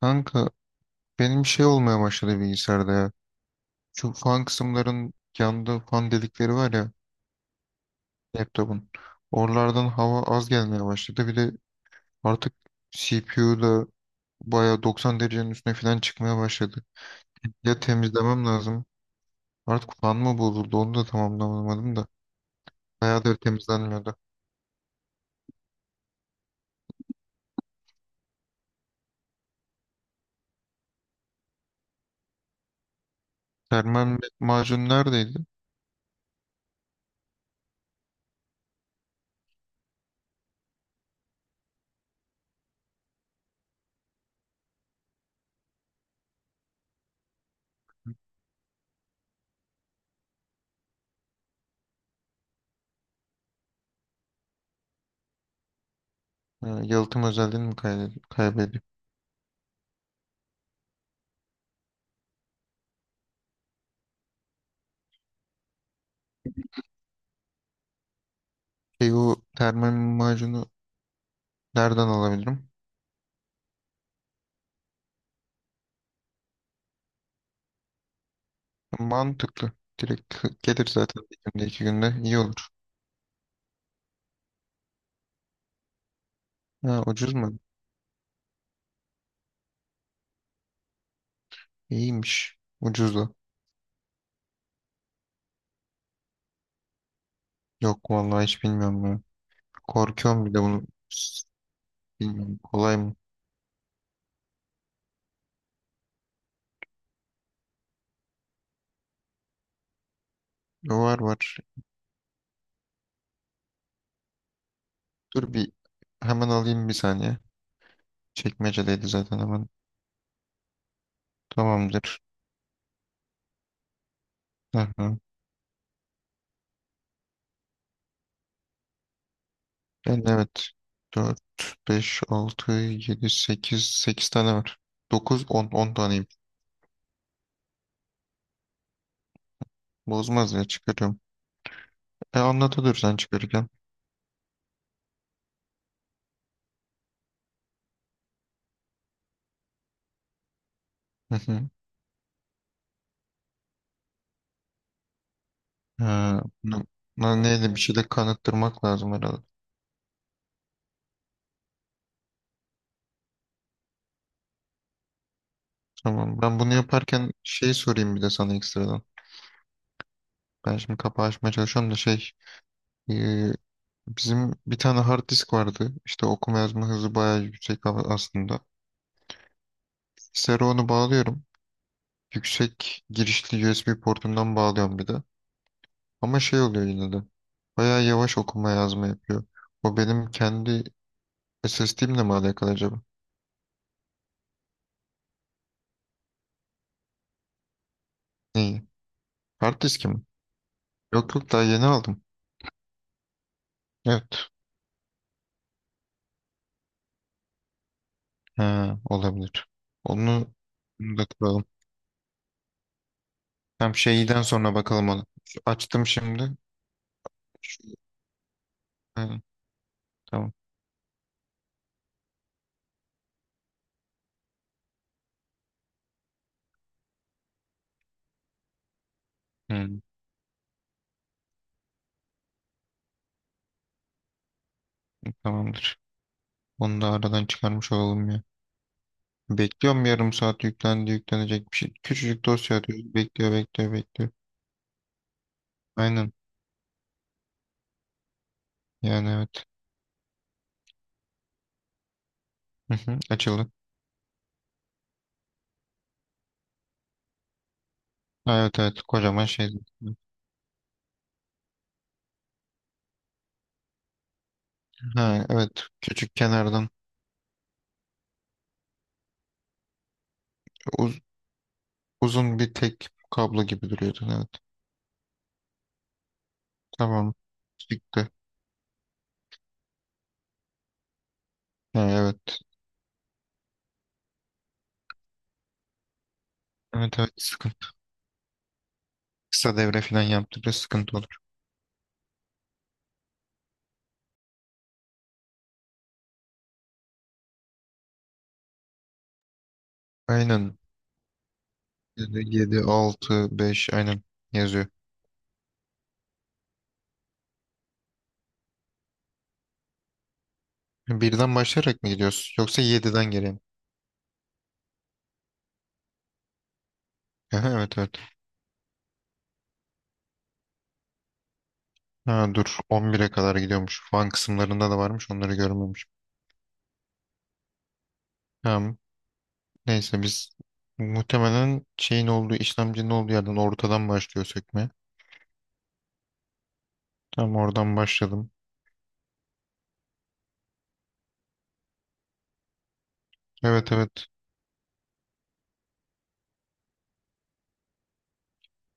Kanka benim şey olmaya başladı bilgisayarda ya. Şu fan kısımların yanında fan delikleri var ya laptopun. Oralardan hava az gelmeye başladı. Bir de artık CPU da bayağı 90 derecenin üstüne falan çıkmaya başladı. Ya temizlemem lazım. Artık fan mı bozuldu onu da tamamlamadım da. Bayağıdır temizlenmiyordu. Termal macun neredeydi? Ha, yalıtım özelliğini mi kaybediyor? Kaybediyor. Şey o termal macunu nereden alabilirim? Mantıklı. Direkt gelir zaten bir günde iki günde iyi olur. Ha, ucuz mu? İyiymiş. Ucuz da. Yok vallahi hiç bilmiyorum ya. Korkuyorum bir de bunu. S- Bilmiyorum kolay mı? Var var. Dur bir hemen alayım bir saniye. Çekmecedeydi zaten hemen. Tamamdır. Aha. Yani evet. Dört 5 6 7 8 8 tane var. 9, 10 10 taneyim. Bozmaz ya çıkarıyorum. E anlatılır sen çıkarırken. Ha, bunu- Buna neyle bir şeyle kanıttırmak lazım herhalde. Tamam. Ben bunu yaparken şey sorayım bir de sana ekstradan. Ben şimdi kapağı açmaya çalışıyorum da şey e, bizim bir tane hard disk vardı. İşte okuma yazma hızı bayağı yüksek aslında. Bilgisayara onu bağlıyorum. Yüksek girişli USB portundan bağlıyorum bir de. Ama şey oluyor yine de. Bayağı yavaş okuma yazma yapıyor. O benim kendi SSD'imle mi alakalı acaba? Neyi? Hard diski mi? Yok yok daha yeni aldım. Evet. Ha, olabilir. Onu onu da kuralım. Tam şeyden sonra bakalım ona. Şu açtım şimdi. Şu- ha, tamam. Hı, tamamdır. Onu da aradan çıkarmış olalım ya. Bekliyorum yarım saat yüklendi yüklenecek bir şey. Küçücük dosya atıyoruz. Bekliyor bekliyor bekliyor. Aynen. Yani evet. Hı hı, açıldı. Ha, evet evet kocaman şey. Ha, evet küçük kenardan uz- uzun bir tek kablo gibi duruyordu. Evet. Tamam. Çıktı. Ha, evet. Evet evet sıkıntı. Kısa devre falan yaptığında sıkıntı olur. Aynen. 7, 6, 5 aynen yazıyor. Birden başlayarak mı gidiyoruz? Yoksa 7'den geriye mi? Aha, evet evet. Ha, dur 11'e kadar gidiyormuş. Fan kısımlarında da varmış onları görmemiş. Tamam. Neyse biz muhtemelen şeyin olduğu işlemcinin olduğu yerden ortadan başlıyor sökmeye. Tamam oradan başladım. Evet evet.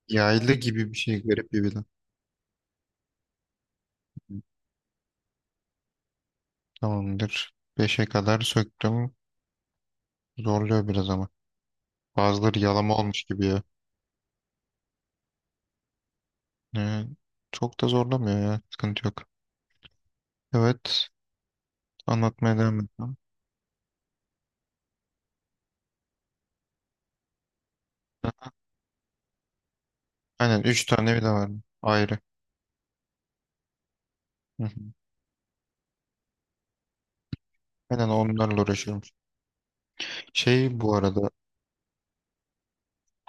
Yaylı gibi bir şey garip bir bilen. Tamamdır. 5'e kadar söktüm. Zorluyor biraz ama. Bazıları yalama olmuş gibi ya. Ee, çok da zorlamıyor ya. Sıkıntı yok. Evet. Anlatmaya devam edeceğim. Aynen. Üç tane vida var. Ayrı. Hı hı. Aynen onlarla uğraşıyorum. Şey bu arada.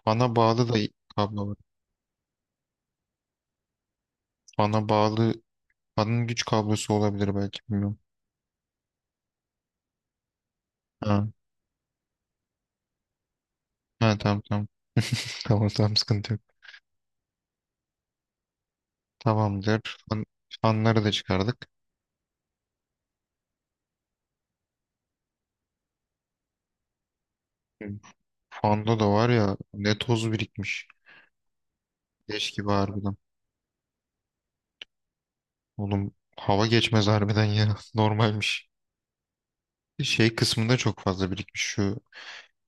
Fana bağlı da kablo var. Fana bağlı. Fanın güç kablosu olabilir belki. Bilmiyorum. Ha. Ha, tamam tamam. Tamam tamam sıkıntı yok. Tamamdır. Fan, fanları da çıkardık. Hı. Fanda da var ya ne toz birikmiş. Leş gibi harbiden. Oğlum hava geçmez harbiden ya. Normalmiş. Şey kısmında çok fazla birikmiş. Şu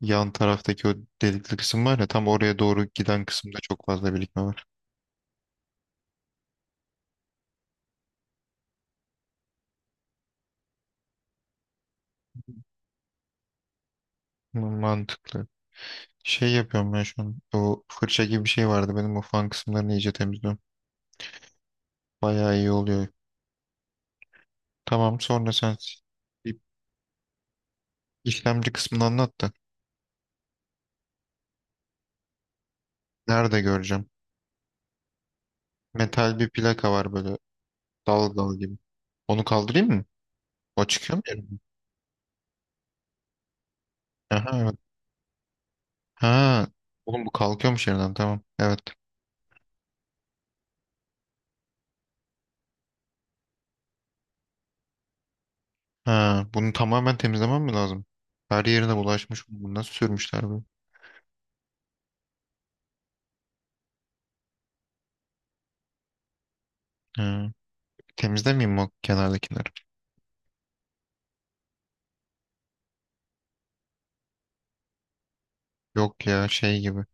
yan taraftaki o delikli kısım var ya tam oraya doğru giden kısımda çok fazla birikme var. Mantıklı. Şey yapıyorum ben şu an. O fırça gibi bir şey vardı. Benim o fan kısımlarını iyice temizliyorum. Bayağı iyi oluyor. Tamam sonra sen bir işlemci kısmını anlat da. Nerede göreceğim? Metal bir plaka var böyle dal dal gibi. Onu kaldırayım mı? O çıkıyor mu yerinden? Aha evet. Ha. Oğlum bu kalkıyormuş yerinden tamam. Evet. Ha, bunu tamamen temizlemem mi lazım? Her yerine bulaşmış. Bunu nasıl sürmüşler bu? Ha, temizlemeyeyim mi o kenardakileri? Yok ya şey gibi.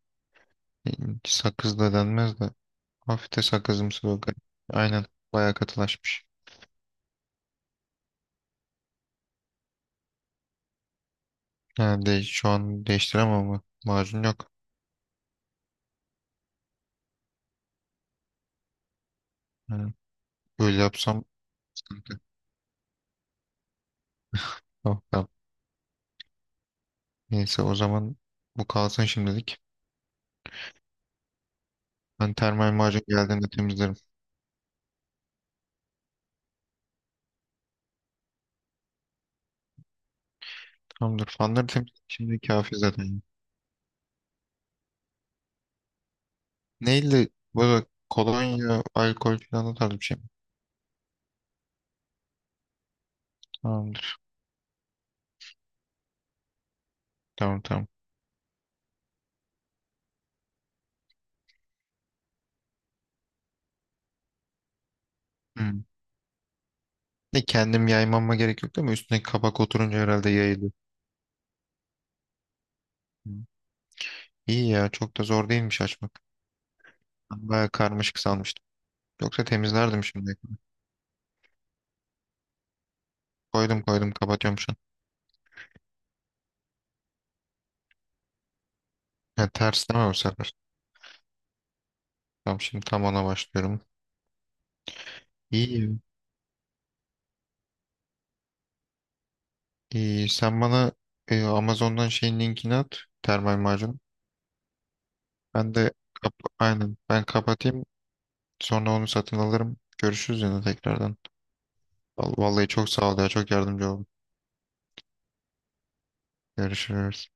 E, Sakız da denmez de. Hafif de sakızımsı böyle. Aynen. Bayağı katılaşmış. Ha, şu an değiştiremem ama macun yok. Ha, böyle yapsam sıkıntı. Tamam, tamam. Neyse o zaman bu kalsın şimdilik. Ben termal macun geldiğinde temizlerim. Tamamdır. Fanları temizledim. Şimdi kafi zaten. Neyle? Böyle kolonya, alkol falan o tarz bir şey mi? Tamamdır. Tamam tamam. Hmm. Ne kendim yaymama gerek yok değil mi? Üstüne kabak oturunca herhalde yayılır. Hmm. İyi ya çok da zor değilmiş açmak. Ben bayağı karmaşık sanmıştım. Yoksa temizlerdim şimdi. Koydum koydum kapatıyorum şu an. Ha, ters değil mi bu sefer? Tamam şimdi tam ona başlıyorum. İyi. İyi. Sen bana Amazon'dan şeyin linkini at. Termal macun. Ben de aynen ben kapatayım. Sonra onu satın alırım. Görüşürüz yine tekrardan. Vallahi çok sağ ol ya. Çok yardımcı oldun. Görüşürüz.